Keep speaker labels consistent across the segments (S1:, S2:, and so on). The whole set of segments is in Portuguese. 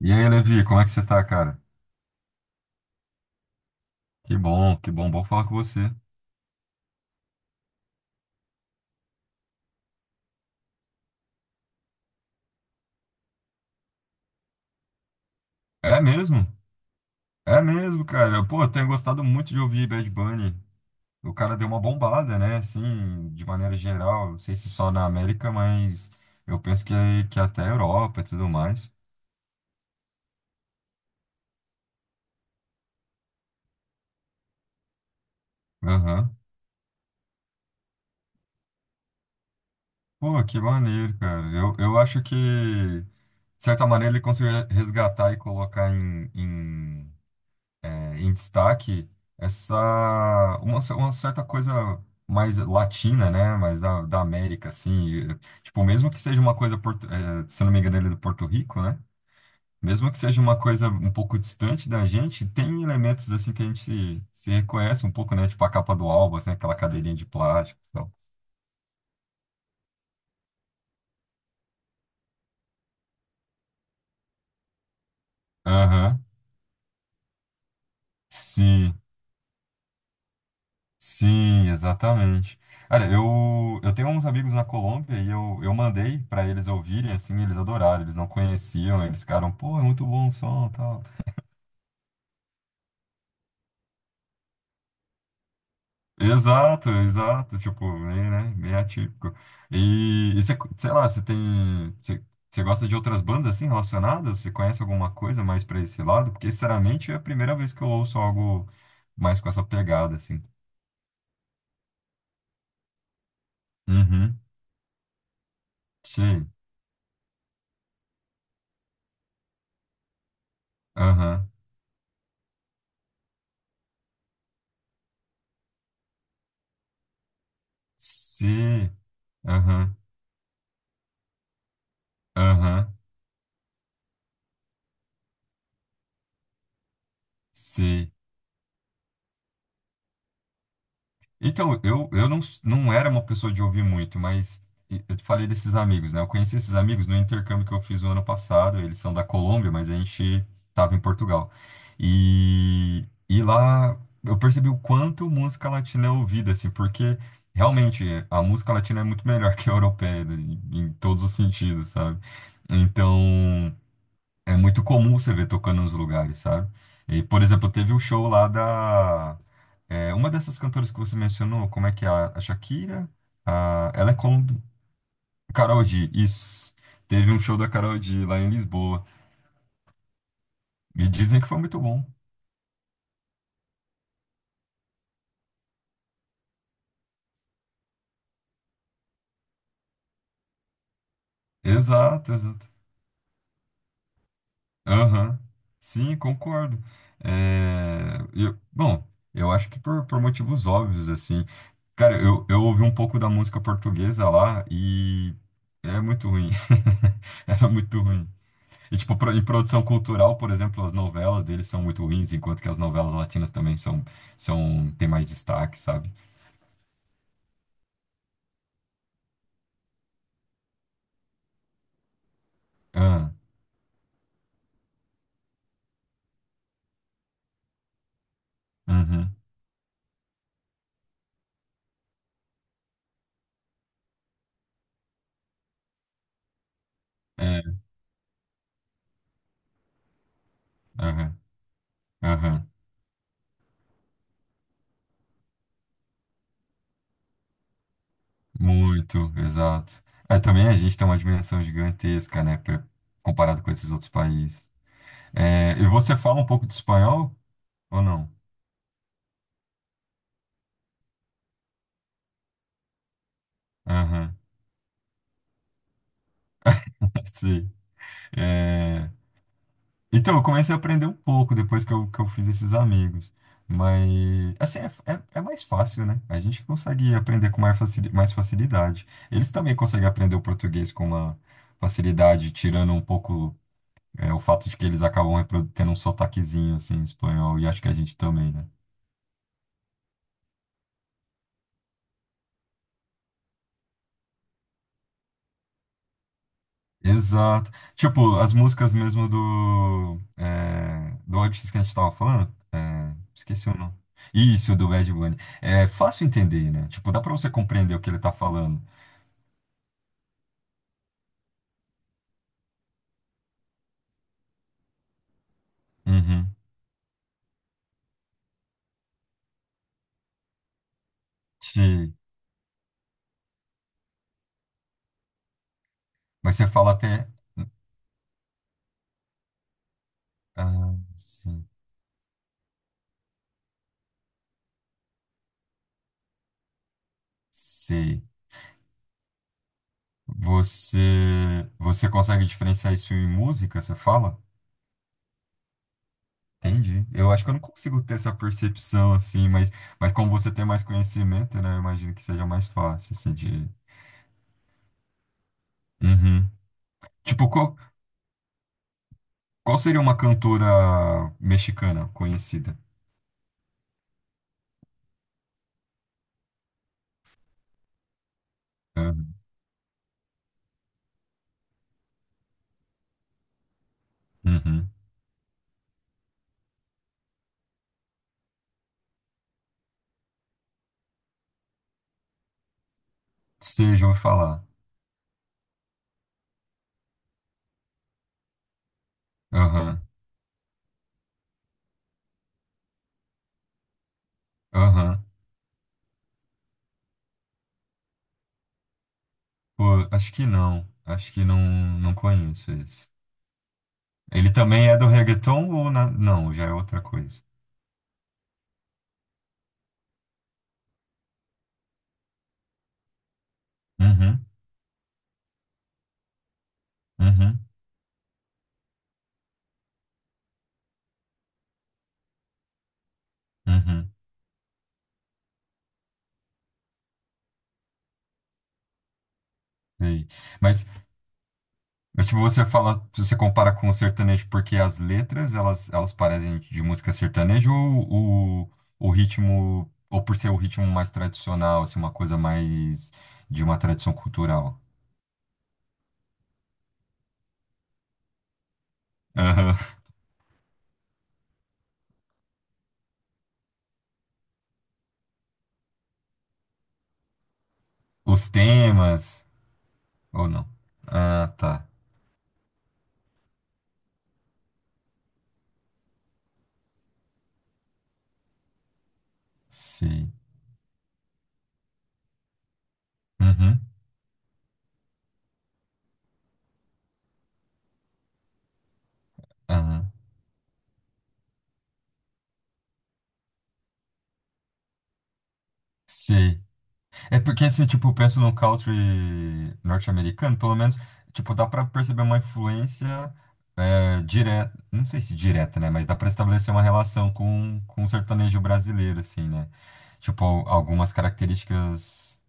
S1: E aí, Levi, como é que você tá, cara? Que bom, bom falar com você. É mesmo? É mesmo, cara. Pô, eu tenho gostado muito de ouvir Bad Bunny. O cara deu uma bombada, né? Assim, de maneira geral. Não sei se só na América, mas eu penso que até a Europa e tudo mais. Aham. Pô, que maneiro, cara. Eu acho de certa maneira, ele conseguiu resgatar e colocar em eh, em destaque essa uma, uma certa coisa mais latina, né? Mais da América, assim. E, tipo, mesmo que seja uma coisa, se eu não me engano, ele é do Porto Rico, né? Mesmo que seja uma coisa um pouco distante da gente, tem elementos assim que a gente se reconhece um pouco, né? Tipo a capa do álbum, assim, aquela cadeirinha de plástico e tal. Aham, sim. Sim, exatamente. Olha, eu tenho uns amigos na Colômbia e eu mandei para eles ouvirem, assim, eles adoraram, eles não conheciam, eles ficaram, pô, é muito bom o som, tal. Exato, exato, tipo, bem, né, bem atípico. E você, sei lá, você tem, você, você gosta de outras bandas, assim, relacionadas? Você conhece alguma coisa mais para esse lado? Porque, sinceramente, é a primeira vez que eu ouço algo mais com essa pegada, assim. Uhum, sim, aham, sim, aham. Aham. Sim. Então, eu não, não era uma pessoa de ouvir muito, mas eu te falei desses amigos, né? Eu conheci esses amigos no intercâmbio que eu fiz o ano passado. Eles são da Colômbia, mas a gente estava em Portugal. E lá eu percebi o quanto música latina é ouvida, assim, porque realmente a música latina é muito melhor que a europeia, né? Em, em todos os sentidos, sabe? Então, é muito comum você ver tocando nos lugares, sabe? E, por exemplo, teve o show lá da, é, uma dessas cantoras que você mencionou, como é que é? A Shakira? A, ela é como Karol G, isso. Teve um show da Karol G lá em Lisboa. E dizem que foi muito bom. Exato, exato. Aham. Sim, concordo. É, bom, eu acho que por motivos óbvios, assim. Cara, eu ouvi um pouco da música portuguesa lá e é muito ruim. Era muito ruim. E, tipo, em produção cultural, por exemplo, as novelas deles são muito ruins, enquanto que as novelas latinas também têm mais destaque, sabe? Ah, uhum, é, aham, aham. Muito, exato. É, também a gente tem uma dimensão gigantesca, né, comparado com esses outros países. É, e você fala um pouco de espanhol ou não? Aham, sim. É, então, eu comecei a aprender um pouco depois que que eu fiz esses amigos. Mas, assim, é mais fácil, né? A gente consegue aprender com mais mais facilidade. Eles também conseguem aprender o português com uma facilidade, tirando um pouco, é, o fato de que eles acabam tendo um sotaquezinho, assim, espanhol. E acho que a gente também, né? Exato. Tipo, as músicas mesmo do, é, do artista que a gente tava falando, é, esqueci o nome. Isso, do Bad Bunny. É fácil entender, né? Tipo, dá pra você compreender o que ele tá falando. Uhum. Sim. Mas você fala até. Ah, sim. Sei. Você, você consegue diferenciar isso em música, você fala? Entendi. Eu acho que eu não consigo ter essa percepção, assim, mas como você tem mais conhecimento, né? Eu imagino que seja mais fácil, assim, de. Uhum. Tipo, qual, qual seria uma cantora mexicana conhecida? Ah, uhum. Você já ouviu falar? Aham, aham. Pô, acho que não. Acho que não, não conheço esse. Ele também é do reggaeton ou não? Já é outra coisa. Uhum, uhum, uhum. Sei. Mas Mas, tipo, você fala, você compara com o sertanejo porque as letras, elas parecem de música sertaneja ou o ritmo, ou por ser o ritmo mais tradicional, assim, uma coisa mais de uma tradição cultural? Aham. Os temas, ou não? Ah, tá. Sei. Uhum. Aham. Sei. É porque, assim, tipo, eu penso no country norte-americano, pelo menos, tipo, dá pra perceber uma influência direta, não sei se direta, né? Mas dá pra estabelecer uma relação com o sertanejo brasileiro, assim, né? Tipo, algumas características.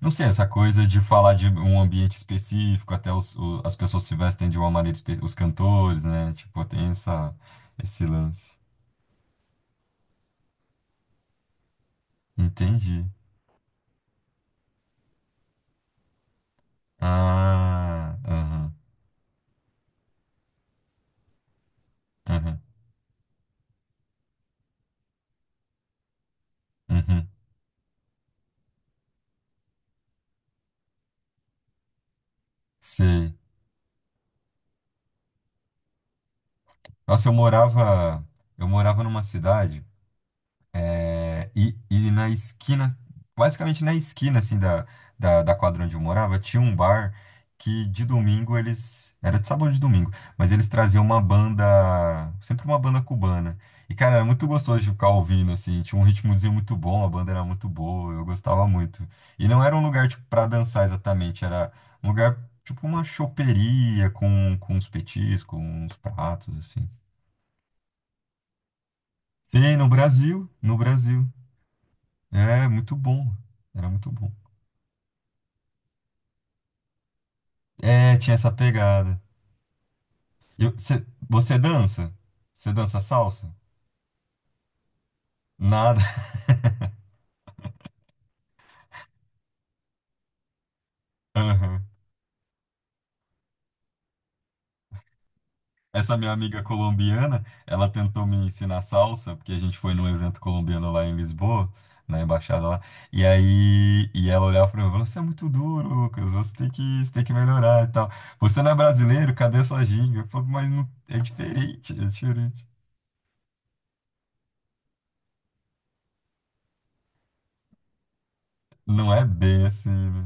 S1: Não sei, essa coisa de falar de um ambiente específico, até os, as pessoas se vestem de uma maneira, os cantores, né? Tipo, tem essa, esse lance. Entendi. Ah, aham, aham, uhum, sei. Nossa, eu morava numa cidade. É, e na esquina, basicamente na esquina assim da, da quadra onde eu morava, tinha um bar que de domingo eles. Era de sábado ou de domingo, mas eles traziam uma banda. Sempre uma banda cubana. E, cara, era muito gostoso de ficar ouvindo, assim, tinha um ritmozinho muito bom, a banda era muito boa, eu gostava muito. E não era um lugar, tipo, pra dançar exatamente, era um lugar, tipo, uma choperia com uns petiscos, uns pratos, assim. Tem no Brasil, no Brasil. É, muito bom. Era muito bom. É, tinha essa pegada. Você dança? Você dança salsa? Nada. Aham. Essa minha amiga colombiana, ela tentou me ensinar salsa, porque a gente foi num evento colombiano lá em Lisboa, na embaixada lá. E aí, e ela olhava pra mim e falou: você é muito duro, Lucas. Você tem que melhorar e tal. Você não é brasileiro? Cadê sua ginga? Eu falei, mas é diferente, é diferente. Não é bem assim, né?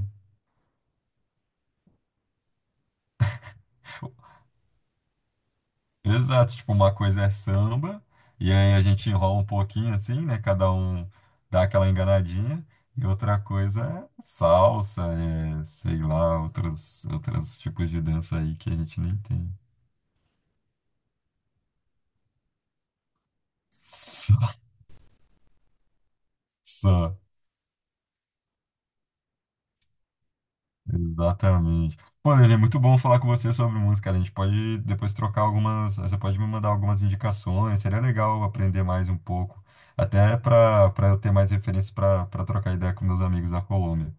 S1: Exato, tipo, uma coisa é samba, e aí a gente enrola um pouquinho assim, né? Cada um dá aquela enganadinha, e outra coisa é salsa, é, sei lá, outros, outros tipos de dança aí que a gente nem tem. Só, só, exatamente. Pô, Lelê, muito bom falar com você sobre música, cara. A gente pode depois trocar algumas, você pode me mandar algumas indicações, seria legal aprender mais um pouco, até para eu ter mais referência para trocar ideia com meus amigos da Colômbia.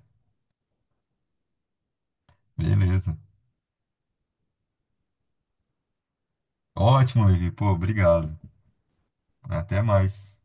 S1: Beleza. Ótimo, Levi. Pô, obrigado. Até mais.